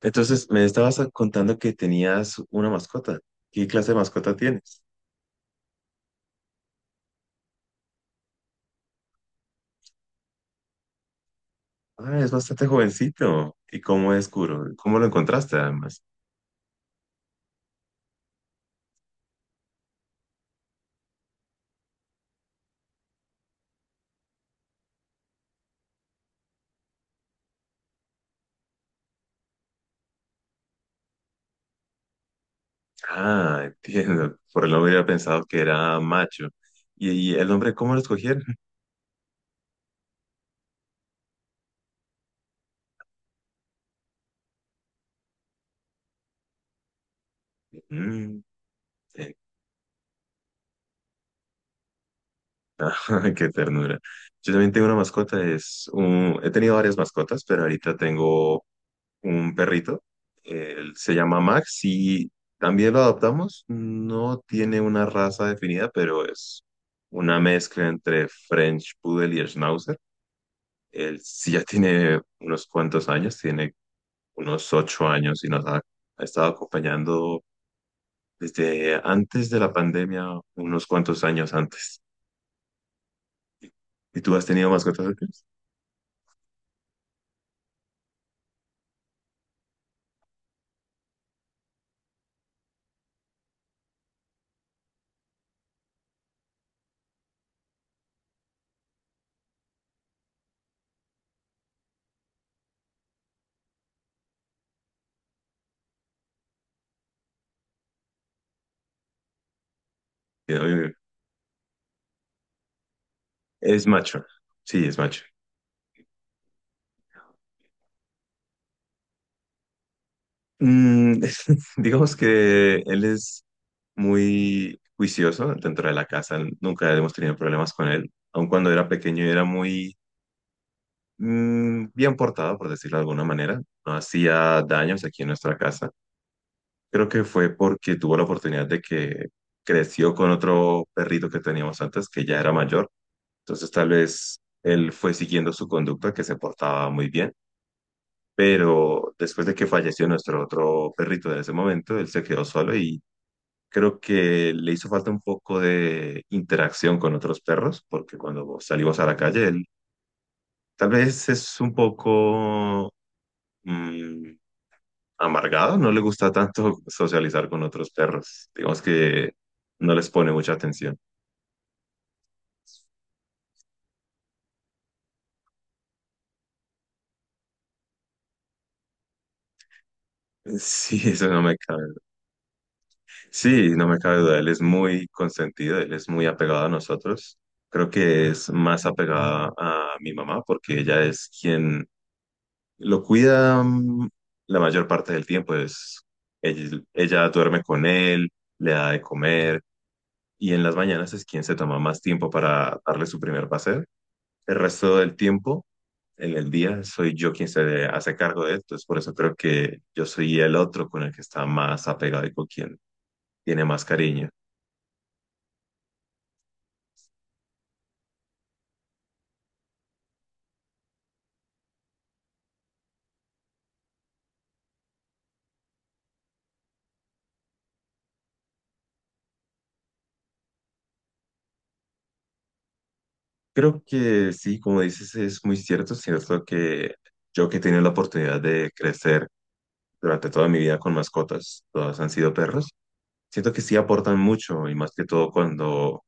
Entonces, me estabas contando que tenías una mascota. ¿Qué clase de mascota tienes? Ah, es bastante jovencito. ¿Y cómo es Kuro? ¿Cómo lo encontraste además? Ah, entiendo. Por el nombre hubiera pensado que era macho. ¿Y el nombre, ¿cómo lo escogieron? Mm. eh, Qué ternura. Yo también tengo una mascota. He tenido varias mascotas, pero ahorita tengo un perrito, él se llama Max y también lo adoptamos. No tiene una raza definida, pero es una mezcla entre French Poodle y Schnauzer. Él sí ya tiene unos cuantos años, tiene unos ocho años y nos ha estado acompañando desde antes de la pandemia, unos cuantos años antes. ¿Y tú has tenido mascotas antes? Sí, oye. Es macho, sí, es macho. Mm. Digamos que él es muy juicioso dentro de la casa, nunca hemos tenido problemas con él; aun cuando era pequeño era muy bien portado, por decirlo de alguna manera, no hacía daños aquí en nuestra casa. Creo que fue porque tuvo la oportunidad de que creció con otro perrito que teníamos antes, que ya era mayor, entonces tal vez él fue siguiendo su conducta, que se portaba muy bien. Pero después de que falleció nuestro otro perrito de ese momento, él se quedó solo y creo que le hizo falta un poco de interacción con otros perros, porque cuando salimos a la calle, él tal vez es un poco mm, amargado, no le gusta tanto socializar con otros perros. Digamos que no les pone mucha atención. Sí, eso no me cabe. Sí, no me cabe duda. Él es muy consentido, él es muy apegado a nosotros. Creo que es más apegada a mi mamá porque ella es quien lo cuida la mayor parte del tiempo, es ella duerme con él, le da de comer y en las mañanas es quien se toma más tiempo para darle su primer paseo. El resto del tiempo, en el día, soy yo quien se hace cargo de esto, es por eso creo que yo soy el otro con el que está más apegado y con quien tiene más cariño. Creo que sí, como dices, es muy cierto que yo, que he tenido la oportunidad de crecer durante toda mi vida con mascotas, todas han sido perros, siento que sí aportan mucho, y más que todo cuando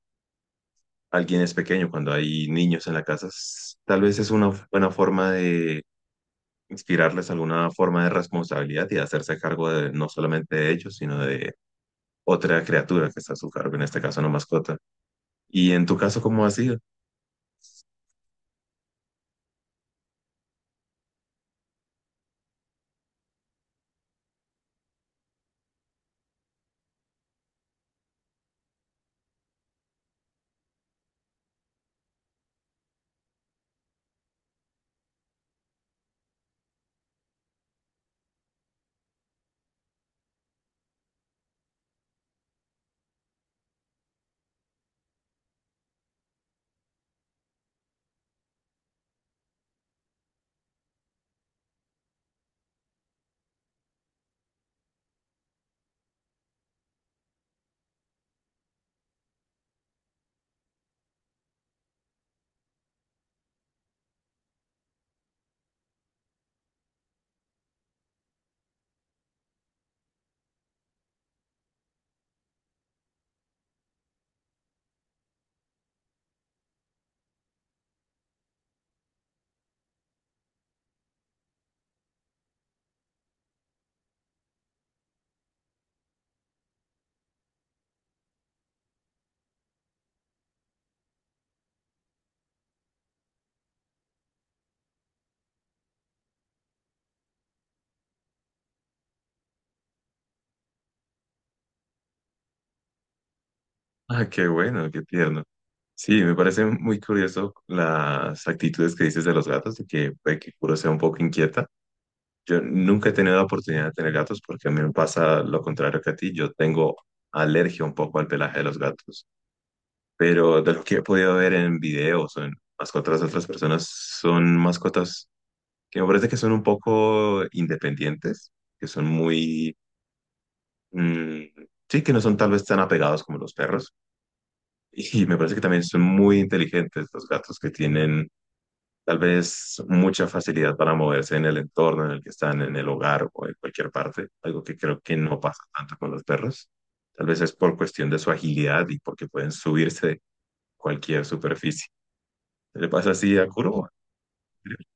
alguien es pequeño, cuando hay niños en la casa, tal vez es una buena forma de inspirarles alguna forma de responsabilidad y de hacerse cargo de no solamente de ellos, sino de otra criatura que está a su cargo, en este caso una mascota. Y en tu caso, ¿cómo ha sido? Ah, qué bueno, qué tierno. Sí, me parece muy curioso las actitudes que dices de los gatos, de que puede que Kuro sea un poco inquieta. Yo nunca he tenido la oportunidad de tener gatos porque a mí me pasa lo contrario que a ti. Yo tengo alergia un poco al pelaje de los gatos, pero de lo que he podido ver en videos o en mascotas de otras personas, son mascotas que me parece que son un poco independientes, que son muy, mm, sí, que no son tal vez tan apegados como los perros. Y me parece que también son muy inteligentes los gatos, que tienen tal vez mucha facilidad para moverse en el entorno en el que están, en el hogar o en cualquier parte, algo que creo que no pasa tanto con los perros. Tal vez es por cuestión de su agilidad y porque pueden subirse de cualquier superficie. Le pasa así a Kuro.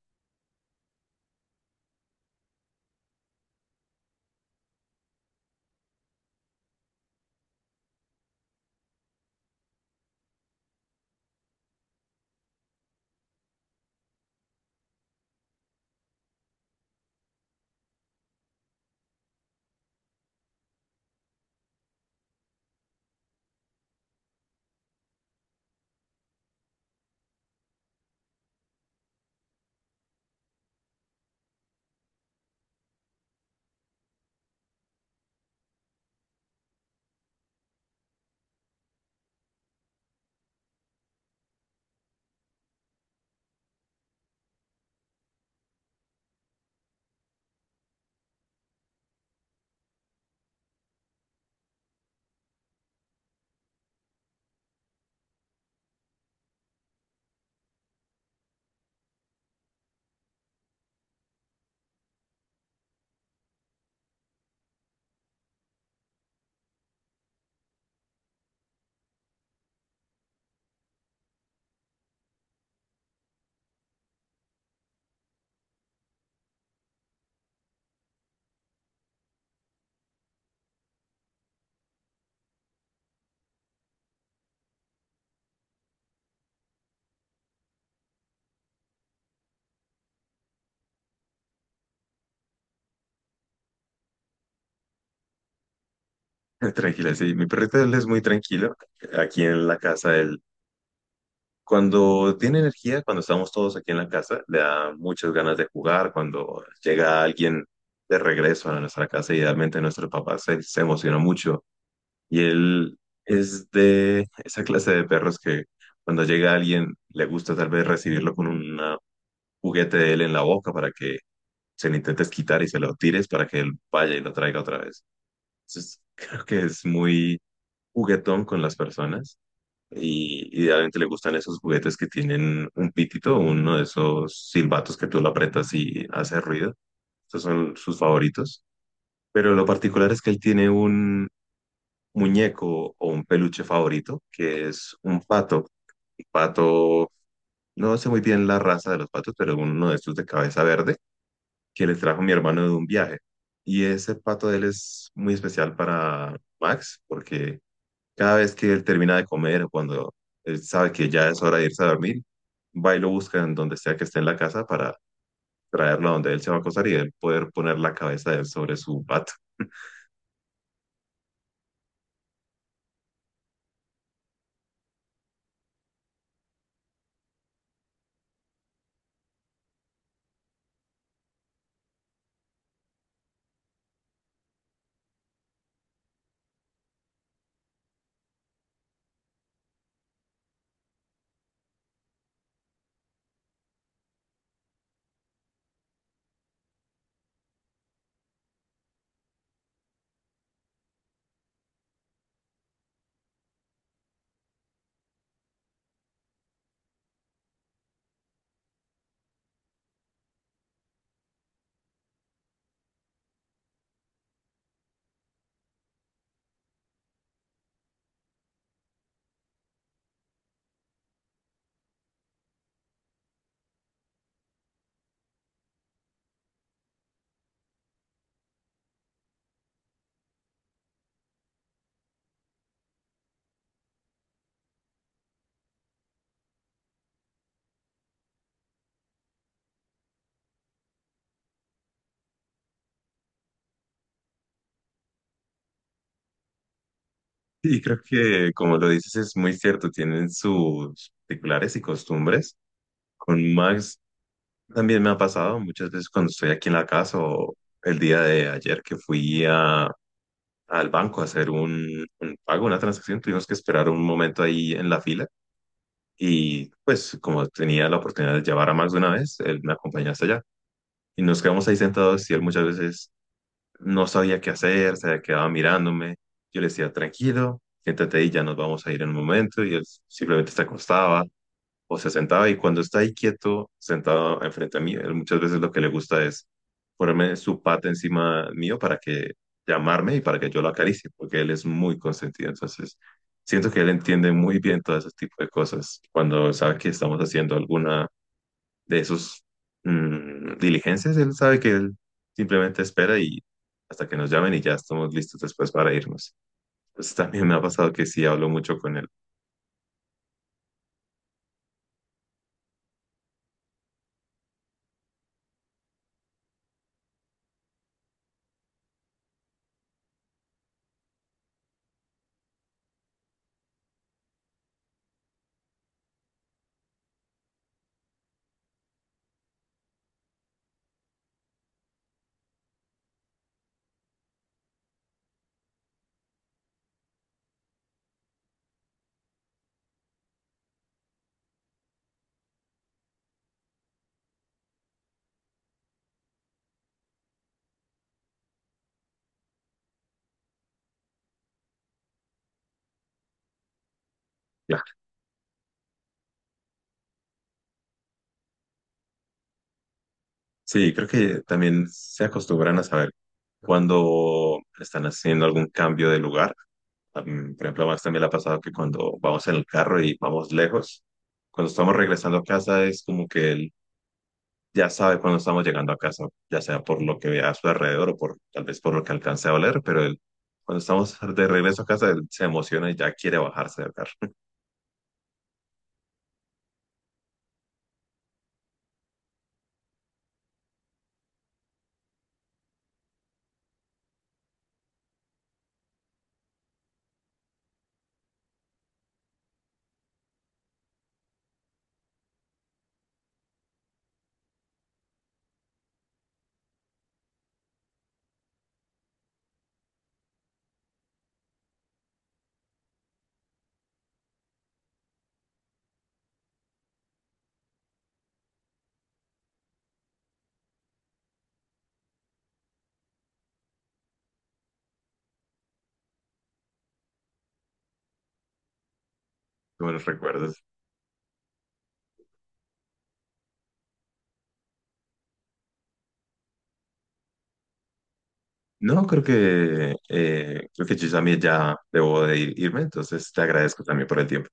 Tranquila, sí. Mi perrito, él es muy tranquilo. Aquí en la casa, él, cuando tiene energía, cuando estamos todos aquí en la casa, le da muchas ganas de jugar. Cuando llega alguien de regreso a nuestra casa, idealmente nuestro papá se emociona mucho. Y él es de esa clase de perros que cuando llega alguien le gusta tal vez recibirlo con un juguete de él en la boca para que se lo intentes quitar y se lo tires para que él vaya y lo traiga otra vez. Entonces, creo que es muy juguetón con las personas, y idealmente le gustan esos juguetes que tienen un pitito, uno de esos silbatos que tú lo apretas y hace ruido. Esos son sus favoritos. Pero lo particular es que él tiene un muñeco o un peluche favorito, que es un pato. Un pato, no sé muy bien la raza de los patos, pero uno de estos de cabeza verde, que le trajo mi hermano de un viaje. Y ese pato de él es muy especial para Max, porque cada vez que él termina de comer o cuando él sabe que ya es hora de irse a dormir, va y lo busca en donde sea que esté en la casa para traerlo a donde él se va a acostar y él poder poner la cabeza de él sobre su pato. Sí, creo que como lo dices es muy cierto, tienen sus particulares y costumbres. Con Max también me ha pasado muchas veces cuando estoy aquí en la casa, o el día de ayer que fui al banco a hacer un pago, una transacción, tuvimos que esperar un momento ahí en la fila, y pues como tenía la oportunidad de llevar a Max de una vez, él me acompañó hasta allá y nos quedamos ahí sentados, y él muchas veces no sabía qué hacer, se quedaba mirándome. Yo le decía: tranquilo, siéntate ahí, ya nos vamos a ir en un momento. Y él simplemente se acostaba o se sentaba. Y cuando está ahí quieto, sentado enfrente a mí, él muchas veces lo que le gusta es ponerme su pata encima mío para que llamarme y para que yo lo acaricie, porque él es muy consentido. Entonces, siento que él entiende muy bien todo ese tipo de cosas. Cuando sabe que estamos haciendo alguna de esos diligencias, él sabe que él simplemente espera y hasta que nos llamen y ya estamos listos después para irnos. Pues también me ha pasado que sí hablo mucho con él. Claro. Sí, creo que también se acostumbran a saber cuando están haciendo algún cambio de lugar. Por ejemplo, a Max también le ha pasado que cuando vamos en el carro y vamos lejos, cuando estamos regresando a casa es como que él ya sabe cuando estamos llegando a casa, ya sea por lo que vea a su alrededor o por tal vez por lo que alcance a oler, pero él, cuando estamos de regreso a casa, él se emociona y ya quiere bajarse del carro. Qué buenos recuerdos. No, creo que yo también ya debo de irme, entonces te agradezco también por el tiempo.